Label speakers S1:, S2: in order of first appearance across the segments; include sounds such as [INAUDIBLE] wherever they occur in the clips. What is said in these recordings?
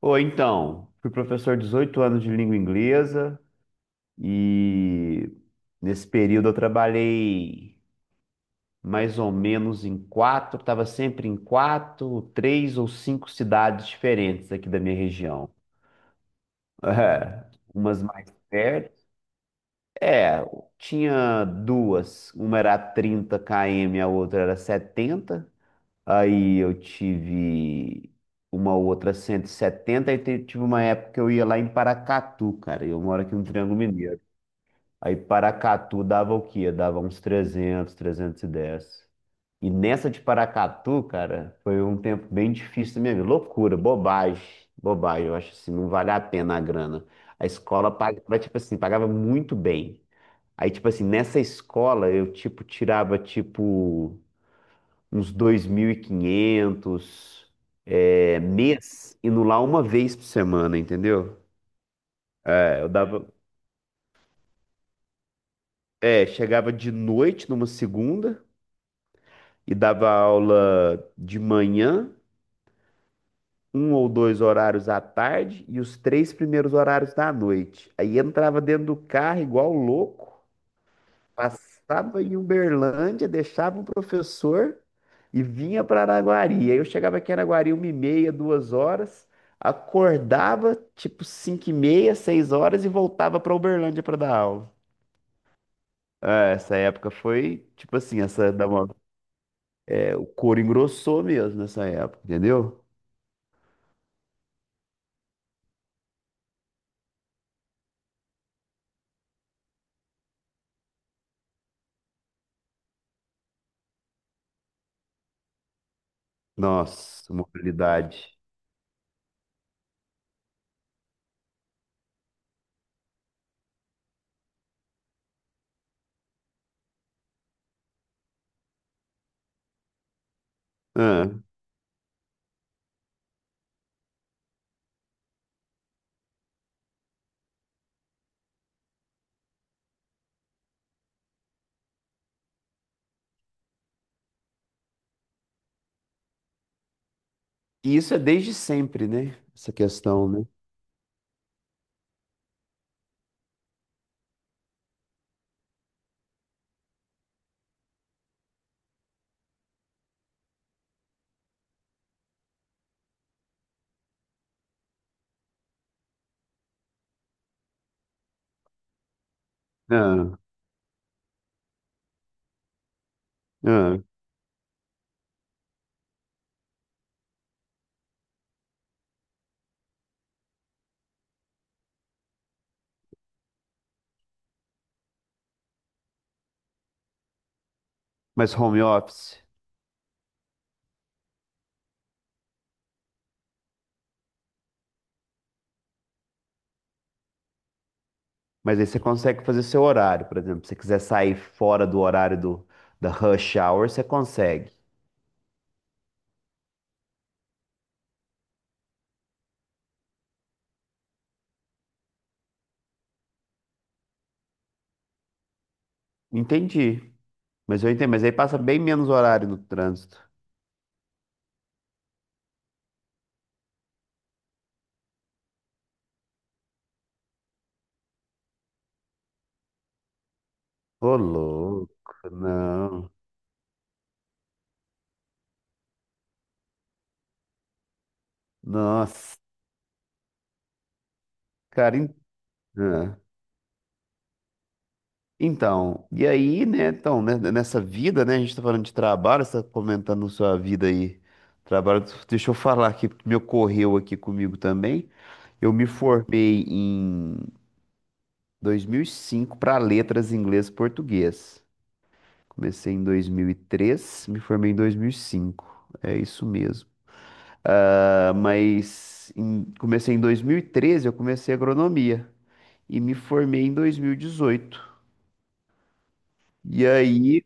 S1: Ou então, fui professor 18 anos de língua inglesa e nesse período eu trabalhei mais ou menos estava sempre em quatro, três ou cinco cidades diferentes aqui da minha região. [LAUGHS] É, umas mais perto. É, tinha duas, uma era a 30 km, a outra era 70. Aí eu tive uma outra 170 tive uma época que eu ia lá em Paracatu, cara. Eu moro aqui no Triângulo Mineiro. Aí Paracatu dava o quê? Dava uns 300, 310. E dez. E nessa de Paracatu, cara, foi um tempo bem difícil da minha vida. Loucura, bobagem, bobagem. Eu acho assim, não vale a pena a grana. A escola pagava, tipo assim, pagava muito bem. Aí, tipo assim, nessa escola eu, tipo, tirava, tipo uns 2.500 é, mês, indo lá uma vez por semana, entendeu? É, eu dava, é, chegava de noite numa segunda e dava aula de manhã, um ou dois horários à tarde e os três primeiros horários da noite. Aí entrava dentro do carro igual louco. Passava em Uberlândia, deixava o professor e vinha para Araguari. Aí eu chegava aqui em Araguari uma e meia, duas horas, acordava tipo cinco e meia, seis horas e voltava para Uberlândia para dar aula. É, essa época foi tipo assim, é, o couro engrossou mesmo nessa época, entendeu? Nossa, mobilidade. Ah, e isso é desde sempre, né? Essa questão, né? Ah, ah. Mas home office? Mas aí você consegue fazer seu horário, por exemplo. Se você quiser sair fora do horário do, da rush hour, você consegue. Entendi. Mas eu entendo. Mas aí passa bem menos horário no trânsito. Ô, louco, não. Nossa, cara. Ah. Então, e aí, né? Então, né, nessa vida, né? A gente tá falando de trabalho, você tá comentando sua vida aí. Trabalho, deixa eu falar aqui, porque me ocorreu aqui comigo também. Eu me formei 2005 para letras inglês e português. Comecei em 2003, me formei em 2005. É isso mesmo. Ah, mas comecei em 2013, eu comecei agronomia e me formei em 2018. E dezoito. E aí,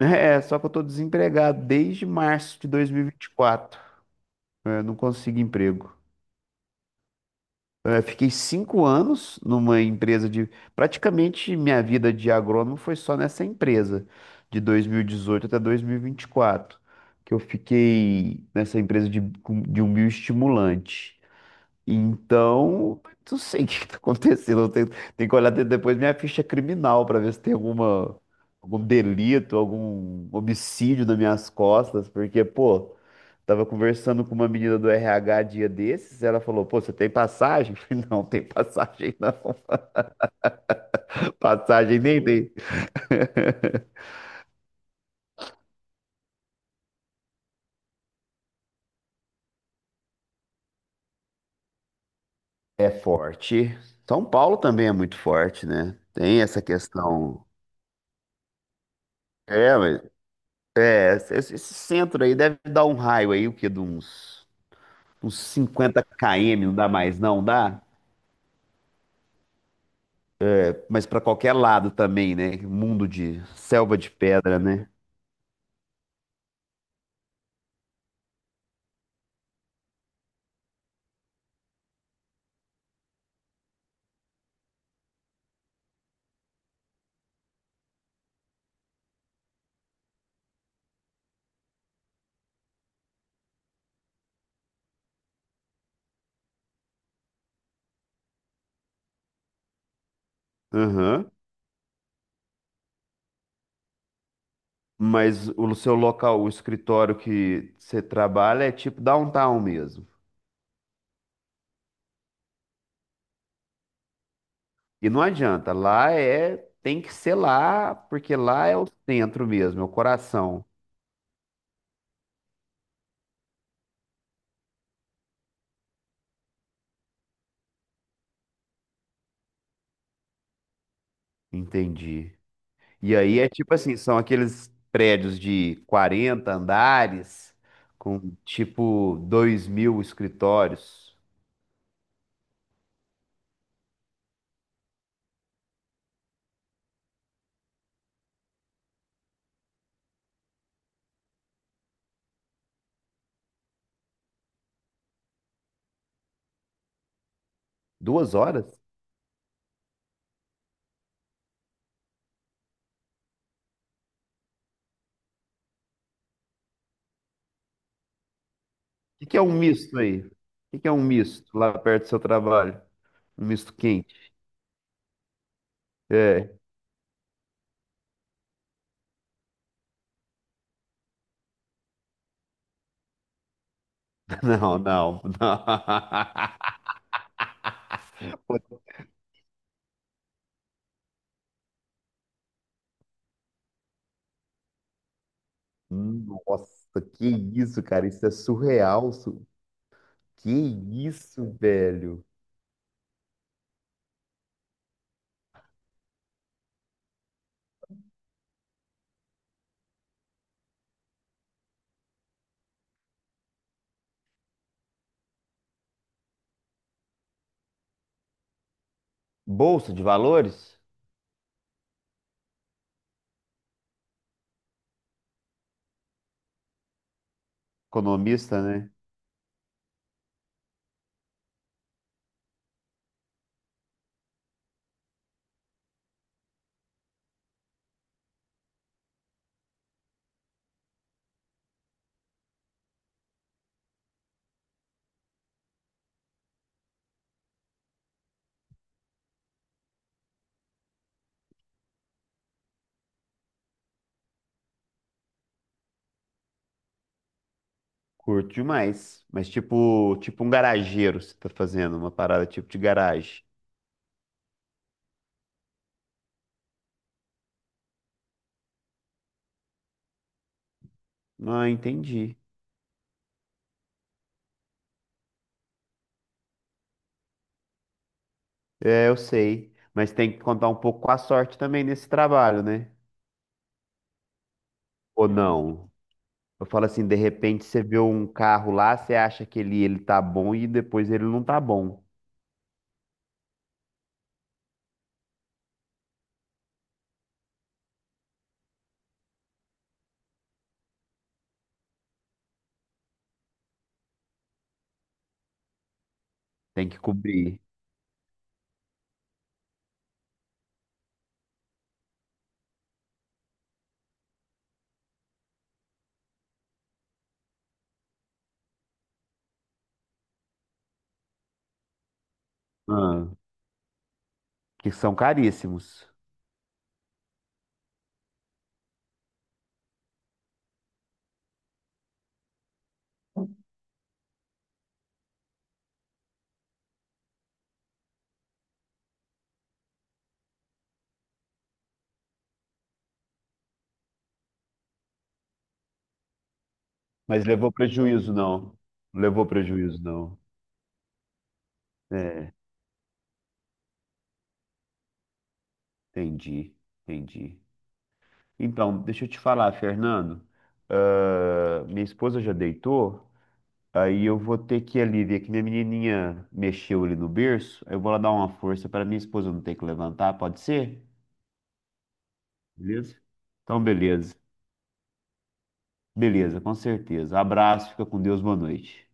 S1: [LAUGHS] é, só que eu tô desempregado desde março de 2024. Eu não consigo emprego. Eu fiquei 5 anos numa empresa de. Praticamente minha vida de agrônomo foi só nessa empresa, de 2018 até 2024, que eu fiquei nessa empresa de um bioestimulante. Então, não sei o que está acontecendo. Eu tenho que olhar depois minha ficha criminal para ver se tem alguma, algum delito, algum homicídio nas minhas costas, porque, pô. Tava conversando com uma menina do RH dia desses, ela falou: "Pô, você tem passagem?" [LAUGHS] Eu falei: "Não, tem passagem não. [LAUGHS] Passagem nem tem." [LAUGHS] É forte. São Paulo também é muito forte, né? Tem essa questão. É, é, esse centro aí deve dar um raio aí, o quê? De uns, uns 50 km, não dá mais, não dá? Mas pra qualquer lado também, né? Mundo de selva de pedra, né? Aham. Mas o seu local, o escritório que você trabalha é tipo downtown mesmo. E não adianta, lá é, tem que ser lá, porque lá é o centro mesmo, é o coração. Entendi. E aí é tipo assim, são aqueles prédios de 40 andares com tipo 2.000 escritórios. Duas horas? O que que é um misto aí? O que que é um misto lá perto do seu trabalho? Um misto quente? É. [LAUGHS] Não, não, não. [LAUGHS] Nossa, que isso, cara? Isso é surreal. Que isso, velho? Bolsa de valores? Economista, né? Curto demais. Mas tipo, tipo um garageiro, você tá fazendo uma parada tipo de garagem. Ah, entendi. É, eu sei. Mas tem que contar um pouco com a sorte também nesse trabalho, né? Ou não? Eu falo assim, de repente você vê um carro lá, você acha que ele tá bom e depois ele não tá bom. Tem que cobrir. Ah, que são caríssimos. Mas levou prejuízo, não. Levou prejuízo, não. É, entendi, entendi. Então, deixa eu te falar, Fernando. Ah, minha esposa já deitou, aí eu vou ter que ir ali ver que minha menininha mexeu ali no berço. Aí eu vou lá dar uma força para minha esposa não ter que levantar, pode ser? Beleza? Então, beleza. Beleza, com certeza. Abraço, fica com Deus, boa noite.